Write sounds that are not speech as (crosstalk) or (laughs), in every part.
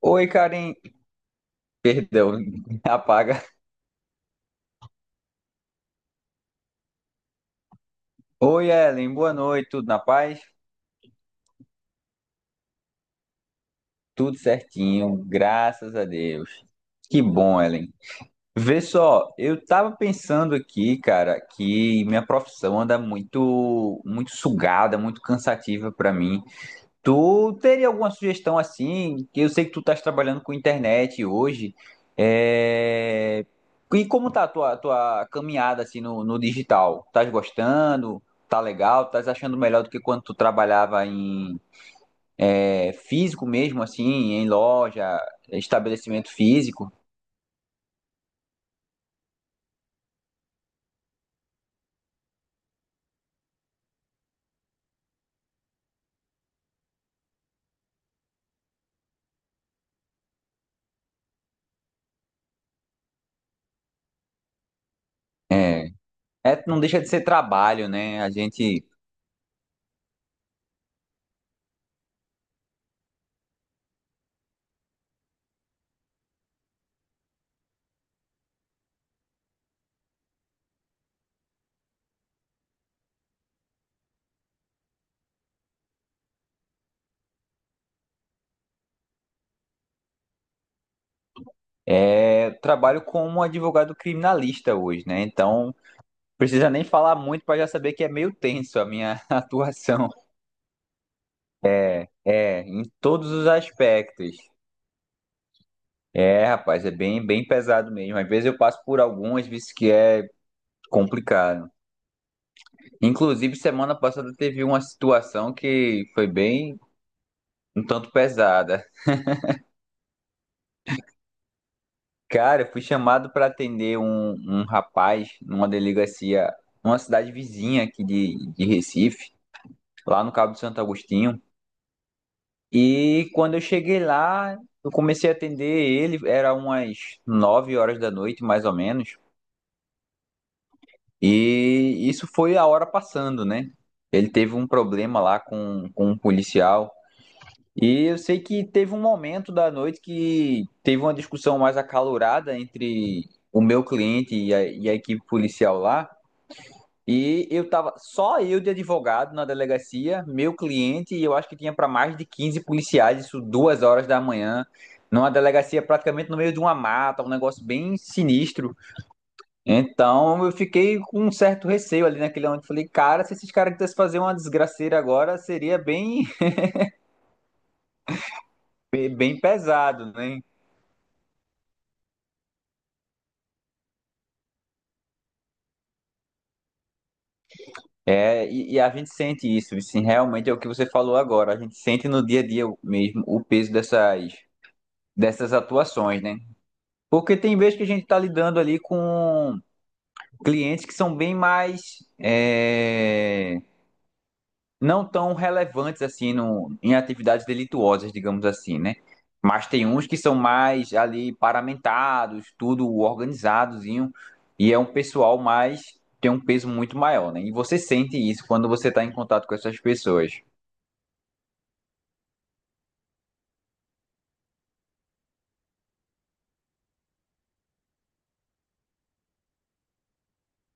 Oi, Karen. Perdão, (laughs) apaga. Oi, Ellen. Boa noite. Tudo na paz? Tudo certinho, graças a Deus. Que bom, Ellen. Vê só, eu tava pensando aqui, cara, que minha profissão anda muito, muito sugada, muito cansativa pra mim. Tu teria alguma sugestão assim? Que eu sei que tu estás trabalhando com internet hoje. É... E como tá a tua caminhada assim no digital? Estás gostando? Tá legal? Estás achando melhor do que quando tu trabalhava em físico mesmo, assim, em loja, estabelecimento físico? É, é, não deixa de ser trabalho, né? Trabalho como um advogado criminalista hoje, né? Então, precisa nem falar muito para já saber que é meio tenso a minha (laughs) atuação. É, em todos os aspectos. É, rapaz, é bem, bem pesado mesmo. Às vezes eu passo por algumas, vezes que é complicado. Inclusive, semana passada teve uma situação que foi bem um tanto pesada. Cara, eu fui chamado para atender um rapaz numa delegacia, numa cidade vizinha aqui de Recife, lá no Cabo de Santo Agostinho. E quando eu cheguei lá, eu comecei a atender ele, era umas 9 horas da noite, mais ou menos. E isso foi a hora passando, né? Ele teve um problema lá com um policial. E eu sei que teve um momento da noite que teve uma discussão mais acalorada entre o meu cliente e a equipe policial lá. E eu tava só eu de advogado na delegacia, meu cliente, e eu acho que tinha para mais de 15 policiais, isso 2 horas da manhã, numa delegacia praticamente no meio de uma mata, um negócio bem sinistro. Então eu fiquei com um certo receio ali naquele momento. Falei, cara, se esses caras quisessem fazer uma desgraceira agora, seria bem, bem bem pesado, né? É, e a gente sente isso, assim, realmente é o que você falou agora, a gente sente no dia a dia mesmo o peso dessas atuações, né? Porque tem vezes que a gente está lidando ali com clientes que são bem mais é, não tão relevantes assim no, em atividades delituosas, digamos assim, né? Mas tem uns que são mais ali paramentados, tudo organizadozinho, e é um pessoal mais tem um peso muito maior, né? E você sente isso quando você está em contato com essas pessoas,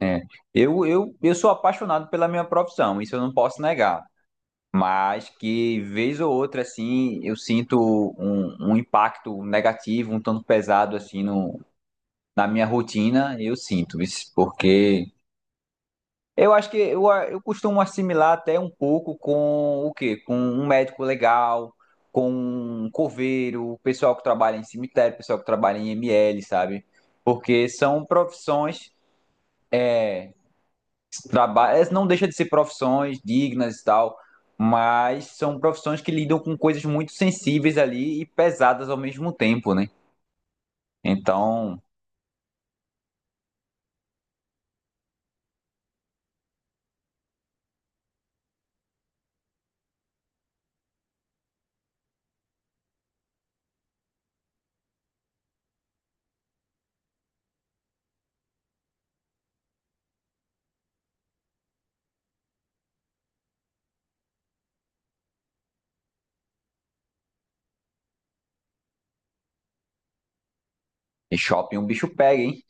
né? Eu sou apaixonado pela minha profissão, isso eu não posso negar. Mas que vez ou outra assim eu sinto um impacto negativo, um tanto pesado assim no, na minha rotina, eu sinto isso, porque eu acho que eu costumo assimilar até um pouco com o quê? Com um médico legal, com um coveiro, o pessoal que trabalha em cemitério, o pessoal que trabalha em ML, sabe? Porque são profissões trabalhos, não deixa de ser profissões dignas e tal, mas são profissões que lidam com coisas muito sensíveis ali e pesadas ao mesmo tempo, né? Então, em shopping um bicho pega, hein?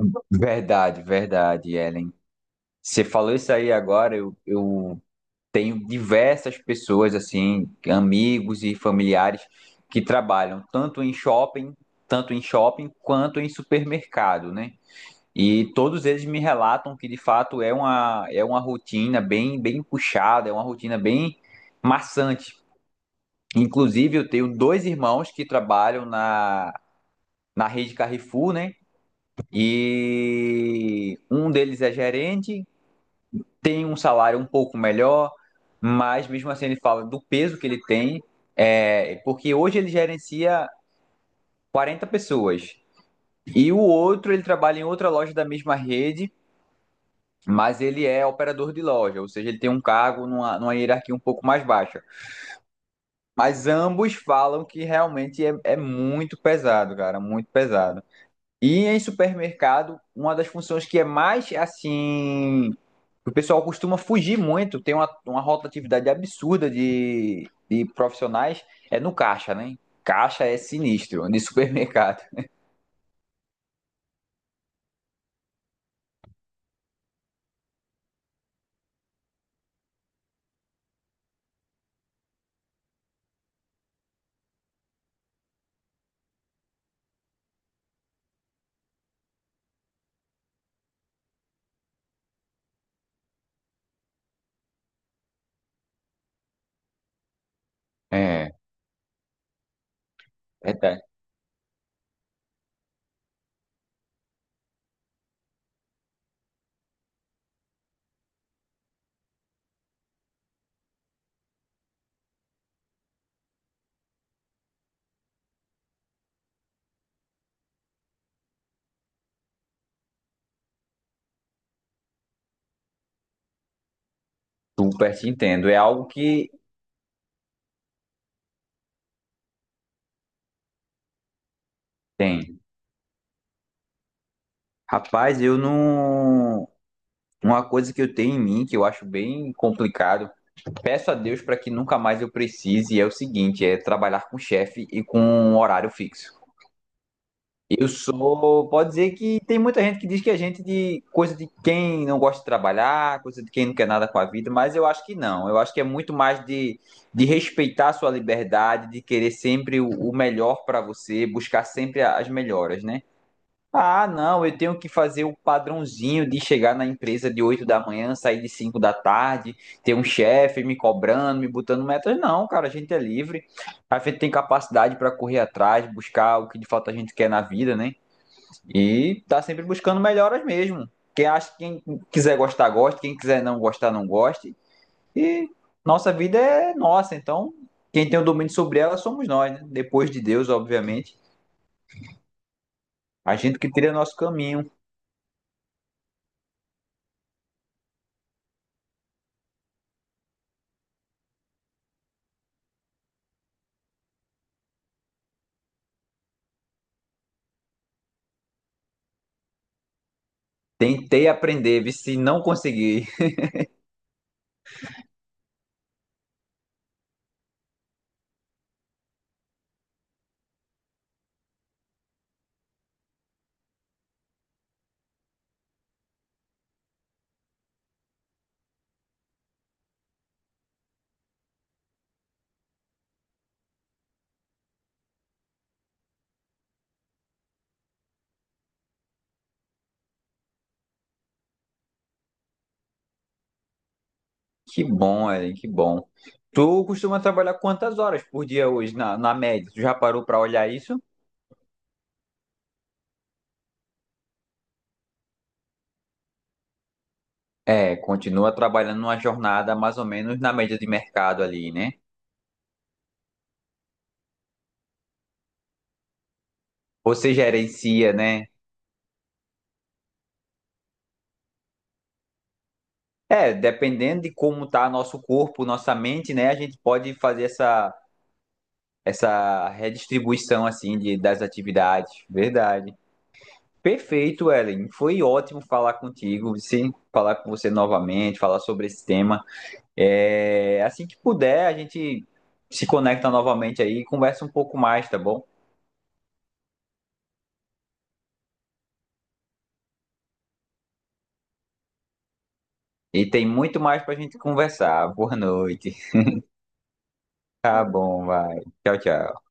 (laughs) Verdade, verdade, Ellen. Você falou isso aí agora, eu tenho diversas pessoas, assim, amigos e familiares que trabalham tanto em shopping, quanto em supermercado, né? E todos eles me relatam que de fato é uma rotina bem, bem puxada, é uma rotina bem maçante. Inclusive, eu tenho dois irmãos que trabalham na rede Carrefour, né? E um deles é gerente, tem um salário um pouco melhor, mas mesmo assim ele fala do peso que ele tem, porque hoje ele gerencia 40 pessoas. E o outro, ele trabalha em outra loja da mesma rede, mas ele é operador de loja, ou seja, ele tem um cargo numa hierarquia um pouco mais baixa. Mas ambos falam que realmente é muito pesado, cara, muito pesado. E em supermercado, uma das funções que é mais assim. O pessoal costuma fugir muito, tem uma rotatividade absurda de profissionais, é no caixa, né? Caixa é sinistro, de supermercado. É. É, tá. Super te entendo. É algo que tem. Rapaz, eu não. Uma coisa que eu tenho em mim, que eu acho bem complicado, peço a Deus para que nunca mais eu precise, é o seguinte, é trabalhar com chefe e com um horário fixo. Eu sou, pode dizer que tem muita gente que diz que a gente de coisa de quem não gosta de trabalhar, coisa de quem não quer nada com a vida, mas eu acho que não. Eu acho que é muito mais de respeitar a sua liberdade, de querer sempre o melhor para você, buscar sempre as melhoras, né? Ah, não, eu tenho que fazer o padrãozinho de chegar na empresa de 8 da manhã, sair de 5 da tarde, ter um chefe me cobrando, me botando metas. Não, cara, a gente é livre. A gente tem capacidade para correr atrás, buscar o que de fato a gente quer na vida, né? E tá sempre buscando melhoras mesmo. Quem quiser gostar, goste. Quem quiser não gostar, não goste. E nossa vida é nossa, então quem tem o domínio sobre ela somos nós, né? Depois de Deus, obviamente. A gente que trilha nosso caminho. Tentei aprender, vi se não consegui. (laughs) Que bom, Ellen, que bom. Tu costuma trabalhar quantas horas por dia hoje, na média? Tu já parou para olhar isso? É, continua trabalhando numa jornada mais ou menos na média de mercado ali, né? Você gerencia, né? É, dependendo de como tá nosso corpo, nossa mente, né? A gente pode fazer essa redistribuição, assim, das atividades. Verdade. Perfeito, Ellen. Foi ótimo falar contigo, sim, falar com você novamente, falar sobre esse tema. É, assim que puder, a gente se conecta novamente aí e conversa um pouco mais, tá bom? E tem muito mais pra gente conversar. Boa noite. (laughs) Tá bom, vai. Tchau, tchau.